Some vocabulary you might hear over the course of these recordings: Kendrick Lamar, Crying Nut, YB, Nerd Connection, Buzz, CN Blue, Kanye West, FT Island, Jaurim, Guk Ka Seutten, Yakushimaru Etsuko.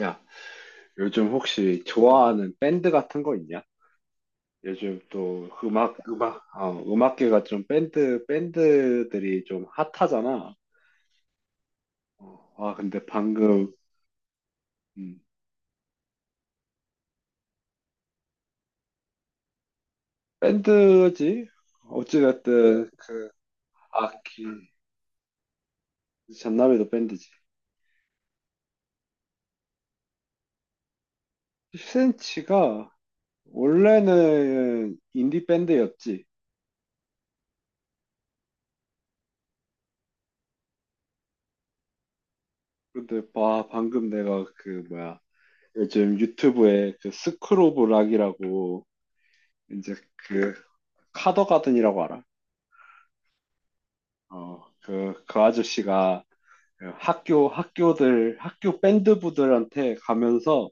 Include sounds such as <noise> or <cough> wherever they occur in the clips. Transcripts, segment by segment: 야, 요즘 혹시 좋아하는 밴드 같은 거 있냐? 요즘 또 음악계가 좀 밴드들이 좀 핫하잖아. 근데 음, 밴드지? 어찌됐든, 그, 악기, 잔나비도 밴드지. 10cm가 원래는 인디 밴드였지. 근데 봐, 방금 내가 그, 뭐야, 요즘 유튜브에 그 스크로브 락이라고, 이제 그, 카더가든이라고 알아? 어, 그 아저씨가 그 학교 밴드부들한테 가면서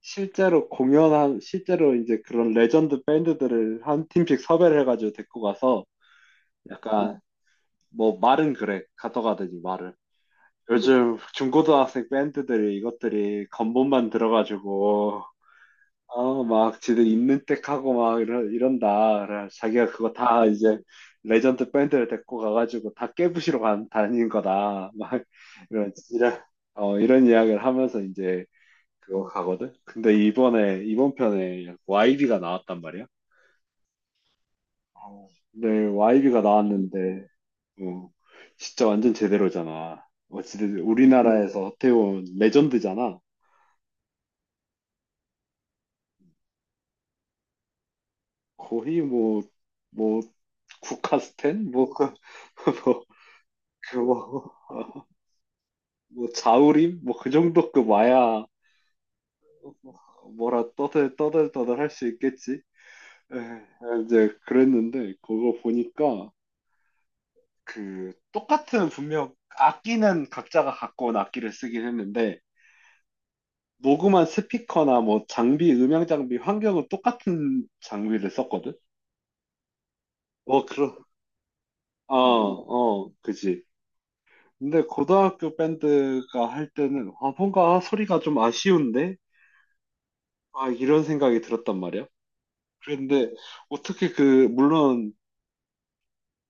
실제로 이제 그런 레전드 밴드들을 한 팀씩 섭외를 해가지고 데리고 가서 약간 뭐 말은 그래, 가져가든지 말을. 요즘 중고등학생 밴드들이 이것들이 건본만 들어가지고 아, 막 지들 있는 때 하고 막 이런다. 그래, 자기가 그거 다 이제 레전드 밴드를 데리고 가가지고 다 다닌 거다. 막 이런, 이런, 이런 이야기를 하면서 이제 그거 가거든. 근데 이번 편에 YB가 나왔단 말이야. 어, 근데 YB가 나왔는데, 어, 진짜 완전 제대로잖아. 어찌됐든 우리나라에서 어떻게 보면 레전드잖아. 거의 뭐, 국카스텐? 뭐, 그, <laughs> 뭐, <laughs> 뭐 자우림? 뭐 그 정도급 와야 뭐라 떠들 할 수 있겠지? 에, 이제 그랬는데 그거 보니까 그 똑같은 분명 악기는 각자가 갖고 온 악기를 쓰긴 했는데 녹음한 스피커나 뭐 장비, 음향 장비, 환경은 똑같은 장비를 썼거든? 어, 그럼. 그지. 근데 고등학교 밴드가 할 때는 아, 뭔가 소리가 좀 아쉬운데? 아, 이런 생각이 들었단 말이야. 그런데 어떻게 그 물론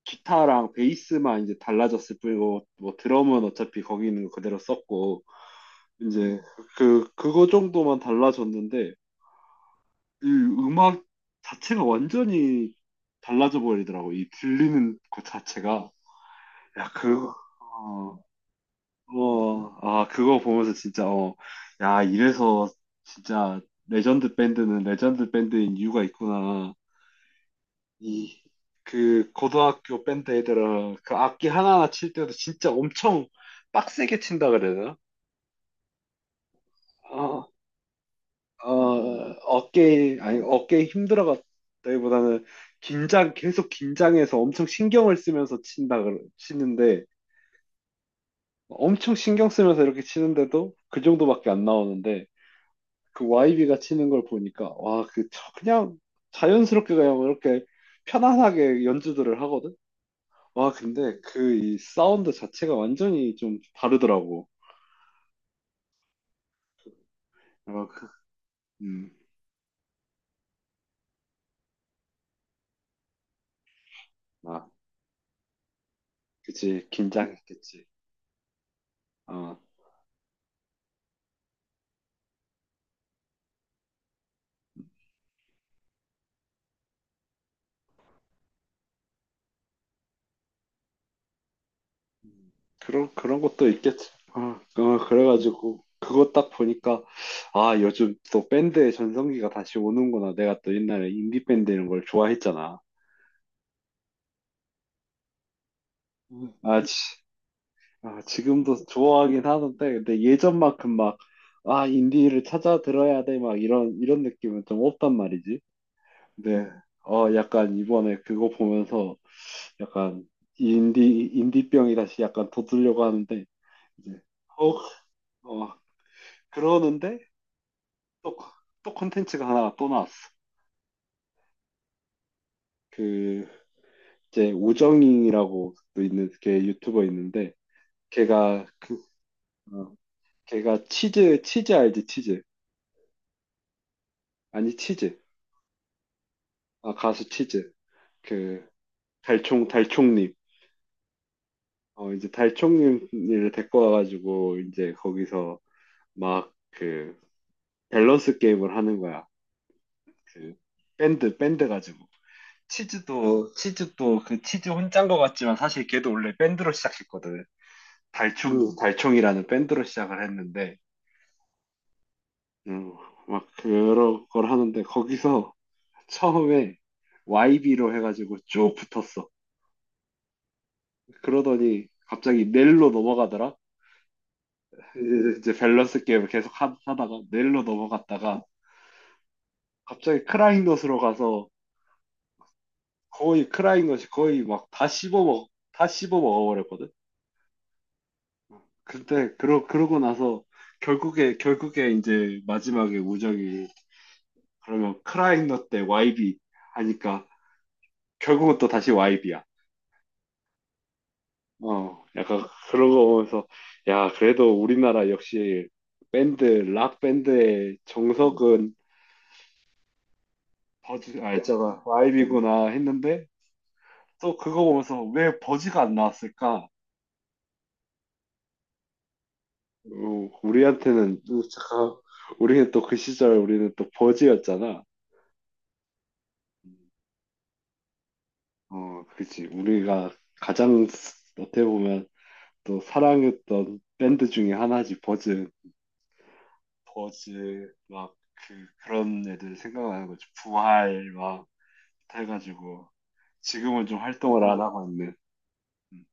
기타랑 베이스만 이제 달라졌을 뿐이고 뭐 드럼은 어차피 거기 있는 거 그대로 썼고 이제 그 그거 정도만 달라졌는데 이 음악 자체가 완전히 달라져 버리더라고. 이 들리는 것 자체가, 야 그거 그거 보면서 진짜 어, 야 이래서 진짜 레전드 밴드는 레전드 밴드인 이유가 있구나. 이 그 고등학교 밴드 애들은 그 악기 하나하나 칠 때도 진짜 엄청 빡세게 친다 그래야 되나? 어, 어깨 아니 어깨에 힘들어갔다기보다는 긴장 계속 긴장해서 엄청 신경을 쓰면서 치는데, 엄청 신경 쓰면서 이렇게 치는데도 그 정도밖에 안 나오는데, 그 YB가 치는 걸 보니까 와 그냥 자연스럽게 그냥 이렇게 편안하게 연주들을 하거든. 와, 근데 그 이 사운드 자체가 완전히 좀 다르더라고. 어, 그- 음, 아, 그치. 긴장했겠지. 어, 음, 그런 것도 있겠지. 어, 어, 그래가지고 그거 딱 보니까 아, 요즘 또 밴드의 전성기가 다시 오는구나. 내가 또 옛날에 인디밴드 이런 걸 좋아했잖아. 음. 아, 지금도 좋아하긴 하는데, 근데 예전만큼 막, 아, 인디를 찾아 들어야 돼. 막 이런 느낌은 좀 없단 말이지. 네. 어, 약간 이번에 그거 보면서 약간 인디병이 다시 약간 돋으려고 하는데, 이제, 어, 어, 그러는데 또, 또 콘텐츠가 하나 또 나왔어. 그, 이제 우정잉이라고 또 있는, 걔 유튜버 있는데, 걔가 그, 어, 걔가 치즈 알지, 치즈. 아니, 치즈. 아, 가수 치즈. 그, 달총님. 어, 이제 달총님을 데리고 와가지고, 이제 거기서 막, 그 밸런스 게임을 하는 거야. 그 밴드 가지고, 치즈도 그 치즈 혼자인 것 같지만 사실 걔도 원래 밴드로 시작했거든. 달총이라는 밴드로 시작을 했는데, 음, 막 여러 걸 하는데 거기서 처음에 YB로 해가지고 쭉 붙었어. 그러더니 갑자기 넬로 넘어가더라. 이제 밸런스 게임을 계속 다가 넬로 넘어갔다가 갑자기 크라잉넛으로 가서 거의 크라잉넛이 거의 막 다 씹어 먹어버렸거든. 근데 그러고 나서 결국에 이제 마지막에 우정이 그러면 크라잉넛 대 YB 하니까, 결국은 또 다시 YB야. 어, 약간 그런 거 보면서, 야 그래도 우리나라 역시 밴드 락 밴드의 정석은 버즈, 아 있잖아 YB구나 했는데, 또 그거 보면서 왜 버즈가 안 나왔을까? 어, 우리한테는 잠깐, 우리는 또 그 시절 우리는 또 버즈였잖아. 어, 그치. 우리가 어떻게 보면 또 사랑했던 밴드 중에 하나지. 버즈. 버즈 막 그 그런 애들 생각나는 거지. 부활 막 해가지고 지금은 좀 활동을 안 하고 있네. 음,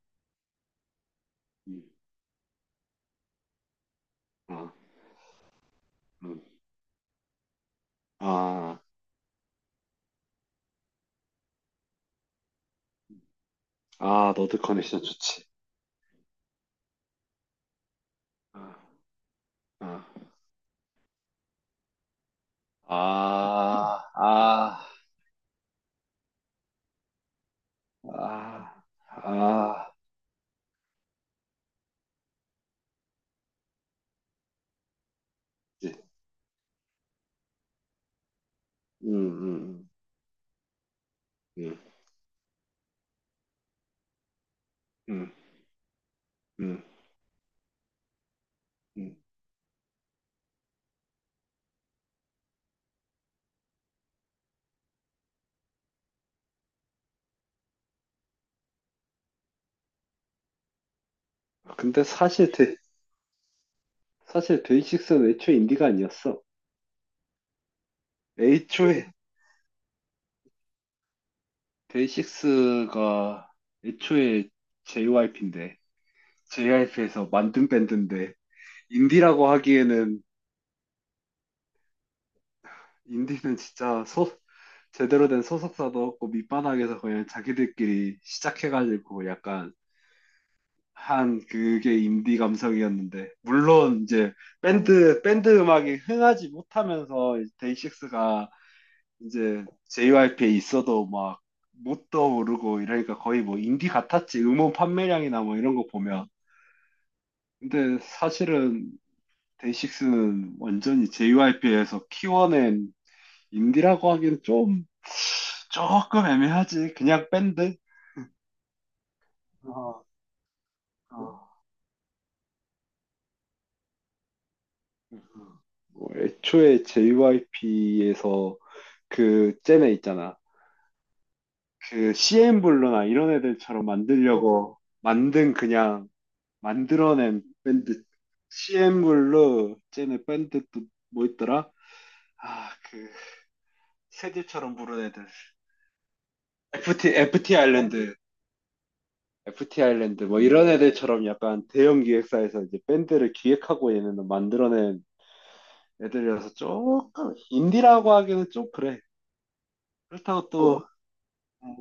음, 아, 음. 아, 아, 너드 커넥션 좋지. 아, 아, 아, 아, 아, 아. 그치? 음, 음, 음, 음, 음, 음. 음. 아, 근데 사실 데이식스는 애초에 인디가 아니었어. 애초에 데이식스가 애초에 JYP인데, JYP에서 만든 밴드인데, 인디라고 하기에는, 인디는 진짜 소 제대로 된 소속사도 없고 밑바닥에서 그냥 자기들끼리 시작해가지고 약간 한 그게 인디 감성이었는데, 물론 이제 밴드 음악이 흥하지 못하면서 데이식스가 이제 JYP에 있어도 막 못도 모르고 이러니까 거의 뭐 인디 같았지. 음원 판매량이나 뭐 이런 거 보면. 근데 사실은 데이식스는 완전히 JYP에서 키워낸, 인디라고 하기엔 좀 조금 애매하지. 그냥 밴드. 어, 어. 뭐 애초에 JYP에서 그 잼에 있잖아. 그 CN블루나 이런 애들처럼 만들려고 만든, 그냥 만들어낸 밴드. CN블루, 잼의 밴드 또 뭐 있더라? 아, 그 새들처럼 부른 애들. FT 아일랜드. FT 아일랜드 뭐 이런 애들처럼 약간 대형 기획사에서 이제 밴드를 기획하고 얘네는 만들어낸 애들이라서 조금 인디라고 하기는 좀 그래. 그렇다고 어, 또 어.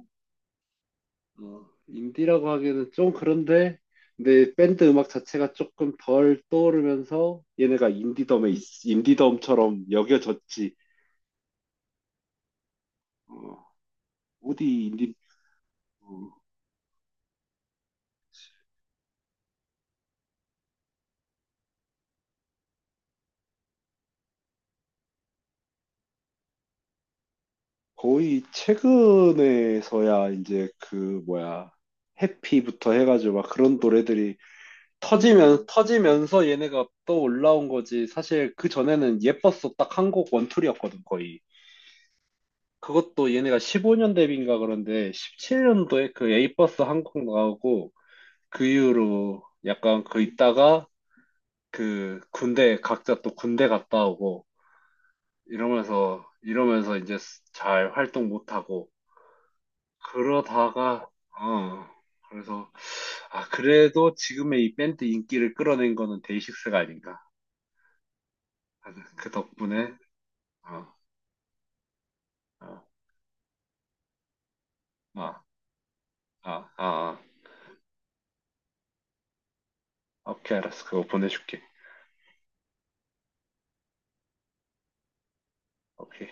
어, 인디라고 하기에는 좀 그런데, 근데 밴드 음악 자체가 조금 덜 떠오르면서 얘네가 인디덤처럼 여겨졌지. 어, 어디 인디, 어, 거의 최근에서야 이제 그 뭐야, 해피부터 해가지고 막 그런 노래들이 터지면서 얘네가 또 올라온 거지. 사실 그 전에는 예뻤어 딱 한 곡 원툴이었거든 거의. 그것도 얘네가 15년 데뷔인가, 그런데 17년도에 그 A버스 한국 나오고, 그 이후로 약간 그 있다가 그 군대 각자 또 군대 갔다 오고 이러면서 이제 스- 잘 활동 못 하고, 그러다가 어 그래서 아 그래도 지금의 이 밴드 인기를 끌어낸 거는 데이식스가 아닌가 하는, 그 덕분에. 어. 어. 아, 아, 아, 아. 오케이, 알았어. 그거 보내줄게. 오케이.